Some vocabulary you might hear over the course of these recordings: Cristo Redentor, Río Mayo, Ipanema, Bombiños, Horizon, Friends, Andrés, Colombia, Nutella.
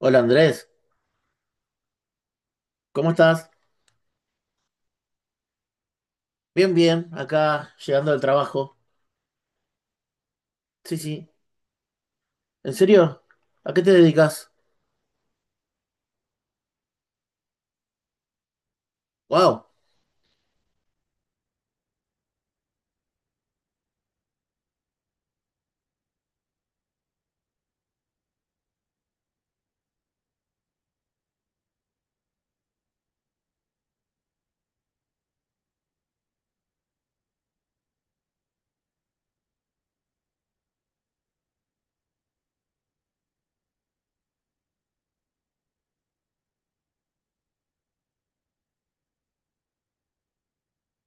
Hola Andrés, ¿cómo estás? Bien, bien, acá llegando del trabajo. Sí, sí. ¿En serio? ¿A qué te dedicas? Wow,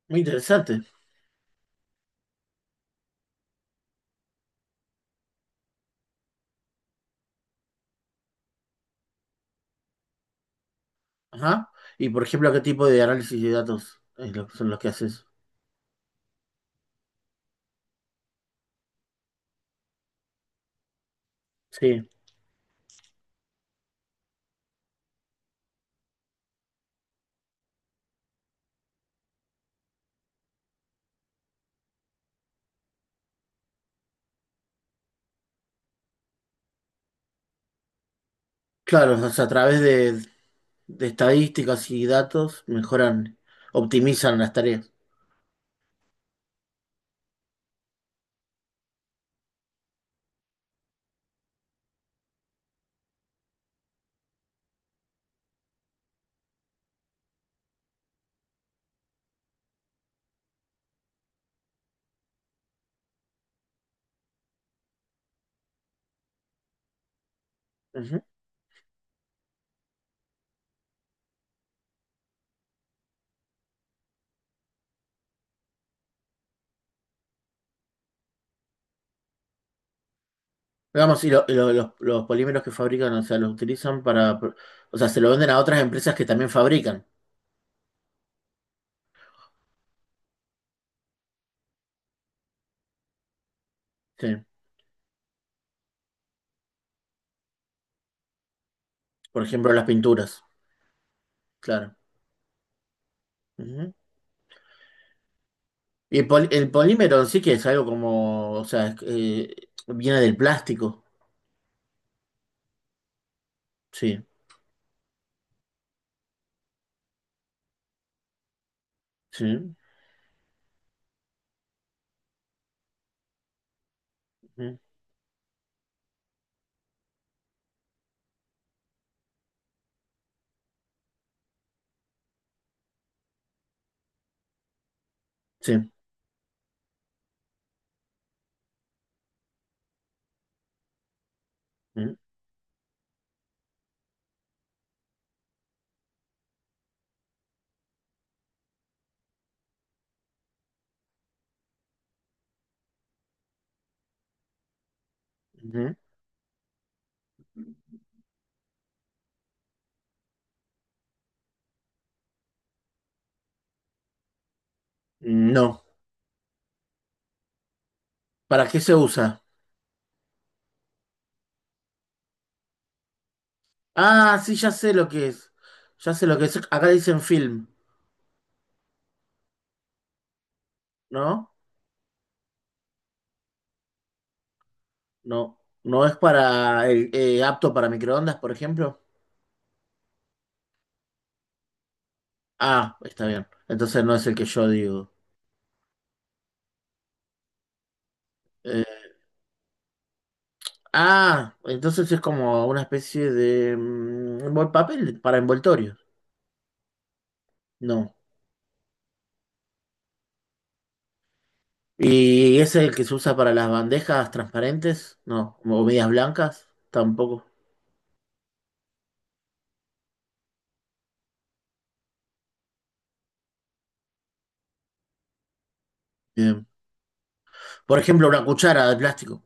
muy interesante. Ajá. Y por ejemplo, ¿qué tipo de análisis de datos son los que haces? Sí, claro, o sea, a través de estadísticas y datos mejoran, optimizan las tareas. Ujú. Digamos, los polímeros que fabrican, o sea, los utilizan para, o sea, se lo venden a otras empresas que también fabrican. Sí, por ejemplo, las pinturas, claro. Ujú. Y el polímero sí que es algo como, o sea, viene del plástico. Sí, sí, mm, sí. Mm, ujú. No. ¿Para qué se usa? Ah, sí, ya sé lo que es. Ya sé lo que es. Acá dicen film, ¿no? No. ¿No es para el, apto para microondas, por ejemplo? Ah, está bien. Entonces no es el que yo digo. Eh, ah, entonces es como una especie de buen papel para envoltorio. No. ¿Y ese es el que se usa para las bandejas transparentes? No, o medias blancas, tampoco. Bien. Por ejemplo, una cuchara de plástico,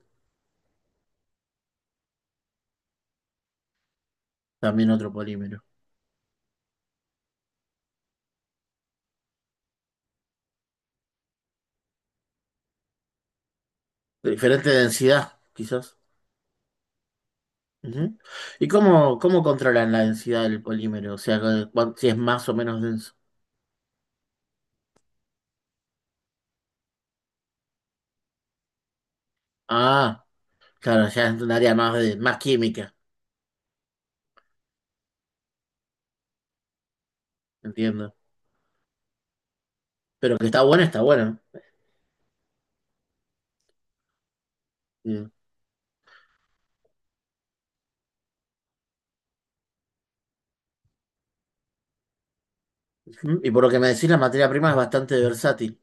también otro polímero. De diferente densidad, quizás. Ujú. ¿Y cómo controlan la densidad del polímero? O sea, si es más o menos denso. Ah, claro, ya es un área más, más química, entiendo. Pero que está buena, está buena. Bien. Ujú. Y por lo que me decís, la materia prima es bastante versátil.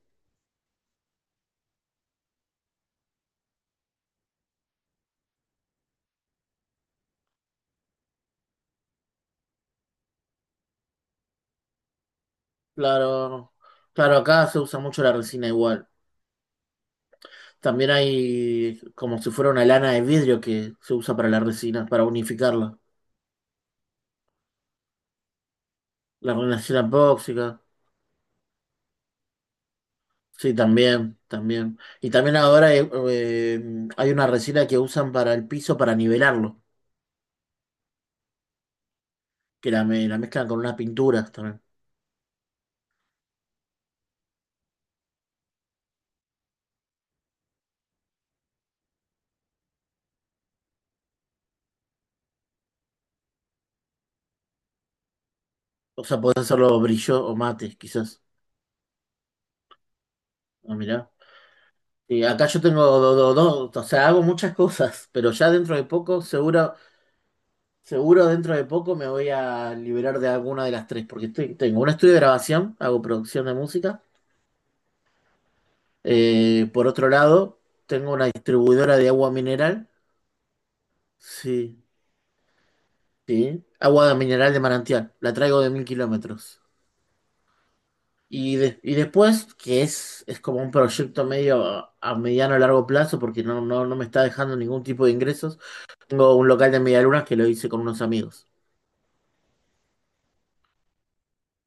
Claro, claro, acá se usa mucho la resina igual. También hay como si fuera una lana de vidrio que se usa para la resina, para unificarla. La resina tóxica. Sí, también, también. Y también ahora hay una resina que usan para el piso para nivelarlo, que la mezclan con unas pinturas también. O sea, podés hacerlo brillo o mate, quizás. Ah, mirá. Y acá yo tengo dos, o sea, hago muchas cosas, pero ya dentro de poco Seguro dentro de poco me voy a liberar de alguna de las tres, porque tengo un estudio de grabación, hago producción de música. Por otro lado, tengo una distribuidora de agua mineral. Sí, sí. Agua de mineral de manantial. La traigo de 1.000 km. Y después, que es como un proyecto medio a mediano a largo plazo, porque no, no, no me está dejando ningún tipo de ingresos, tengo un local de medialunas que lo hice con unos amigos.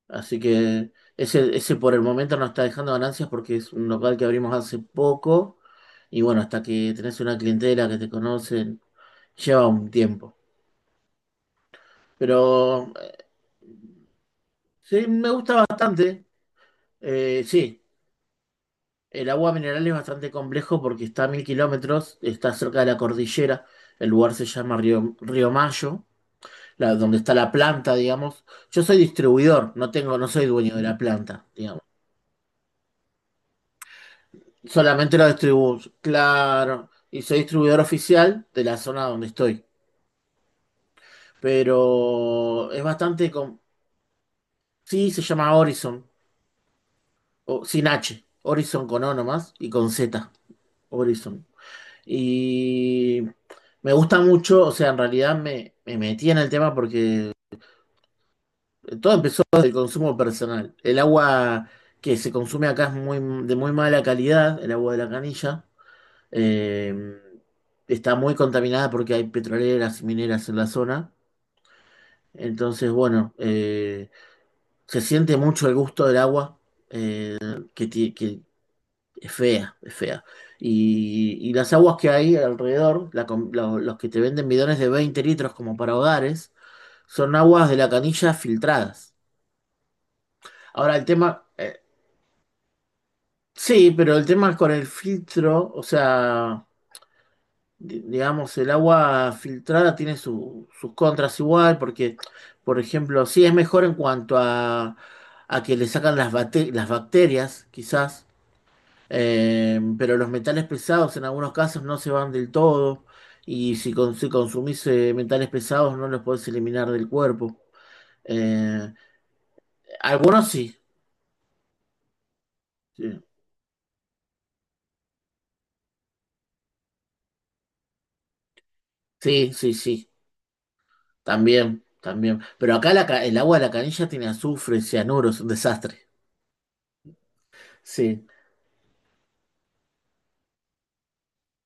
Así que ese por el momento no está dejando ganancias porque es un local que abrimos hace poco. Y bueno, hasta que tenés una clientela que te conocen, lleva un tiempo. Pero sí, me gusta bastante. Sí, el agua mineral es bastante complejo porque está a 1.000 km, está cerca de la cordillera. El lugar se llama Río Mayo, donde está la planta, digamos. Yo soy distribuidor, no tengo, no soy dueño de la planta, digamos. Solamente lo distribuyo, claro. Y soy distribuidor oficial de la zona donde estoy. Pero es bastante con... Sí, se llama Horizon. O, sin H. Horizon con O nomás y con Z. Horizon. Y me gusta mucho, o sea, en realidad me metí en el tema porque todo empezó desde el consumo personal. El agua que se consume acá es de muy mala calidad, el agua de la canilla. Eh, Está muy contaminada porque hay petroleras, mineras en la zona. Entonces, bueno, se siente mucho el gusto del agua que es fea, es fea. Y las aguas que hay alrededor, los que te venden bidones de 20 L como para hogares, son aguas de la canilla filtradas. Ahora el tema, sí, pero el tema es con el filtro, o sea... digamos, el agua filtrada tiene sus contras igual, porque, por ejemplo, sí es mejor en cuanto a que le sacan las bacterias, quizás, pero los metales pesados en algunos casos no se van del todo, y si consumís metales pesados no los podés eliminar del cuerpo. Eh, Algunos sí, sí, sí, sí, sí, también, también. Pero acá el agua de la canilla tiene azufre, cianuro, es un desastre. Sí.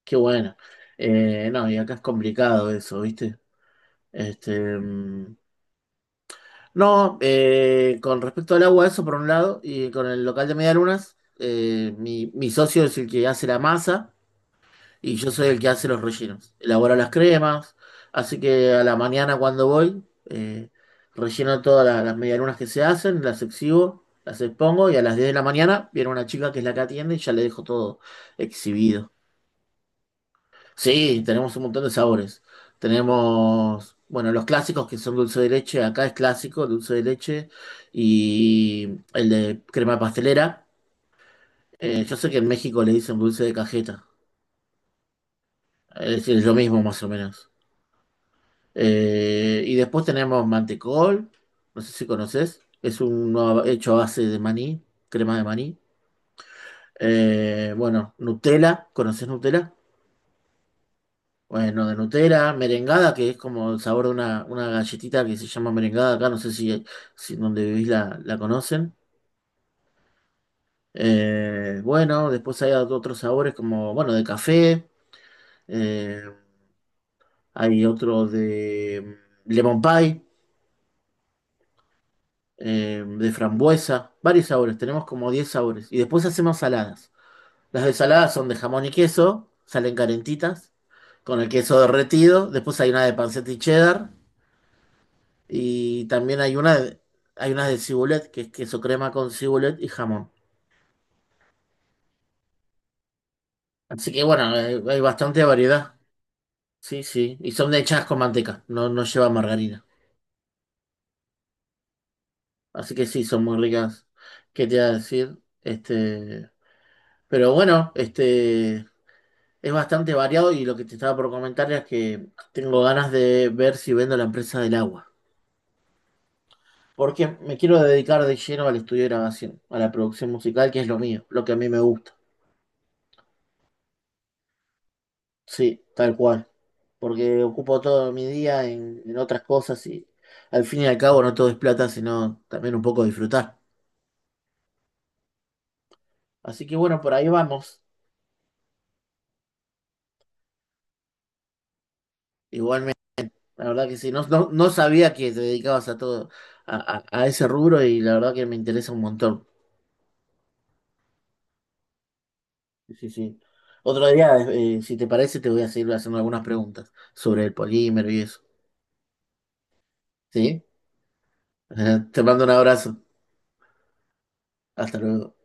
Qué bueno. No, y acá es complicado eso, ¿viste? Este, no, con respecto al agua, eso por un lado, y con el local de medialunas, mi socio es el que hace la masa y yo soy el que hace los rellenos. Elaboro las cremas, así que a la mañana cuando voy, eh, relleno todas las medialunas que se hacen, las exhibo, las expongo y a las 10 de la mañana viene una chica que es la que atiende y ya le dejo todo exhibido. Sí, tenemos un montón de sabores. Tenemos, bueno, los clásicos que son dulce de leche, acá es clásico, dulce de leche, y el de crema pastelera. Yo sé que en México le dicen dulce de cajeta, es decir, es lo mismo más o menos. Y después tenemos mantecol, no sé si conoces, es uno hecho a base de maní, crema de maní. Bueno, Nutella, ¿conoces Nutella? Bueno, de Nutella, merengada, que es como el sabor de una galletita que se llama merengada acá, no sé si donde vivís la conocen. Bueno, después hay otros sabores como, bueno, de café, eh, hay otro de lemon pie, de frambuesa, varios sabores, tenemos como 10 sabores. Y después hacemos saladas. Las de saladas son de jamón y queso, salen calentitas, con el queso derretido. Después hay una de panceta y cheddar. Y también hay unas de cibulet, que es queso crema con cibulet y jamón. Así que bueno, hay bastante variedad. Sí, sí. Y son hechas con manteca, no, no lleva margarina. Así que sí, son muy ricas. ¿Qué te iba a decir? Este, pero bueno, este es bastante variado y lo que te estaba por comentar es que tengo ganas de ver si vendo la empresa del agua. Porque me quiero dedicar de lleno al estudio de grabación, a la producción musical, que es lo mío, lo que a mí me gusta. Sí, tal cual. Porque ocupo todo mi día en otras cosas y al fin y al cabo no todo es plata, sino también un poco disfrutar. Así que bueno, por ahí vamos. Igualmente, la verdad que sí, no, no, no sabía que te dedicabas a todo, a ese rubro y la verdad que me interesa un montón. Sí, sí. Sí. Otro día, si te parece, te voy a seguir haciendo algunas preguntas sobre el polímero y eso. ¿Sí? Te mando un abrazo. Hasta luego.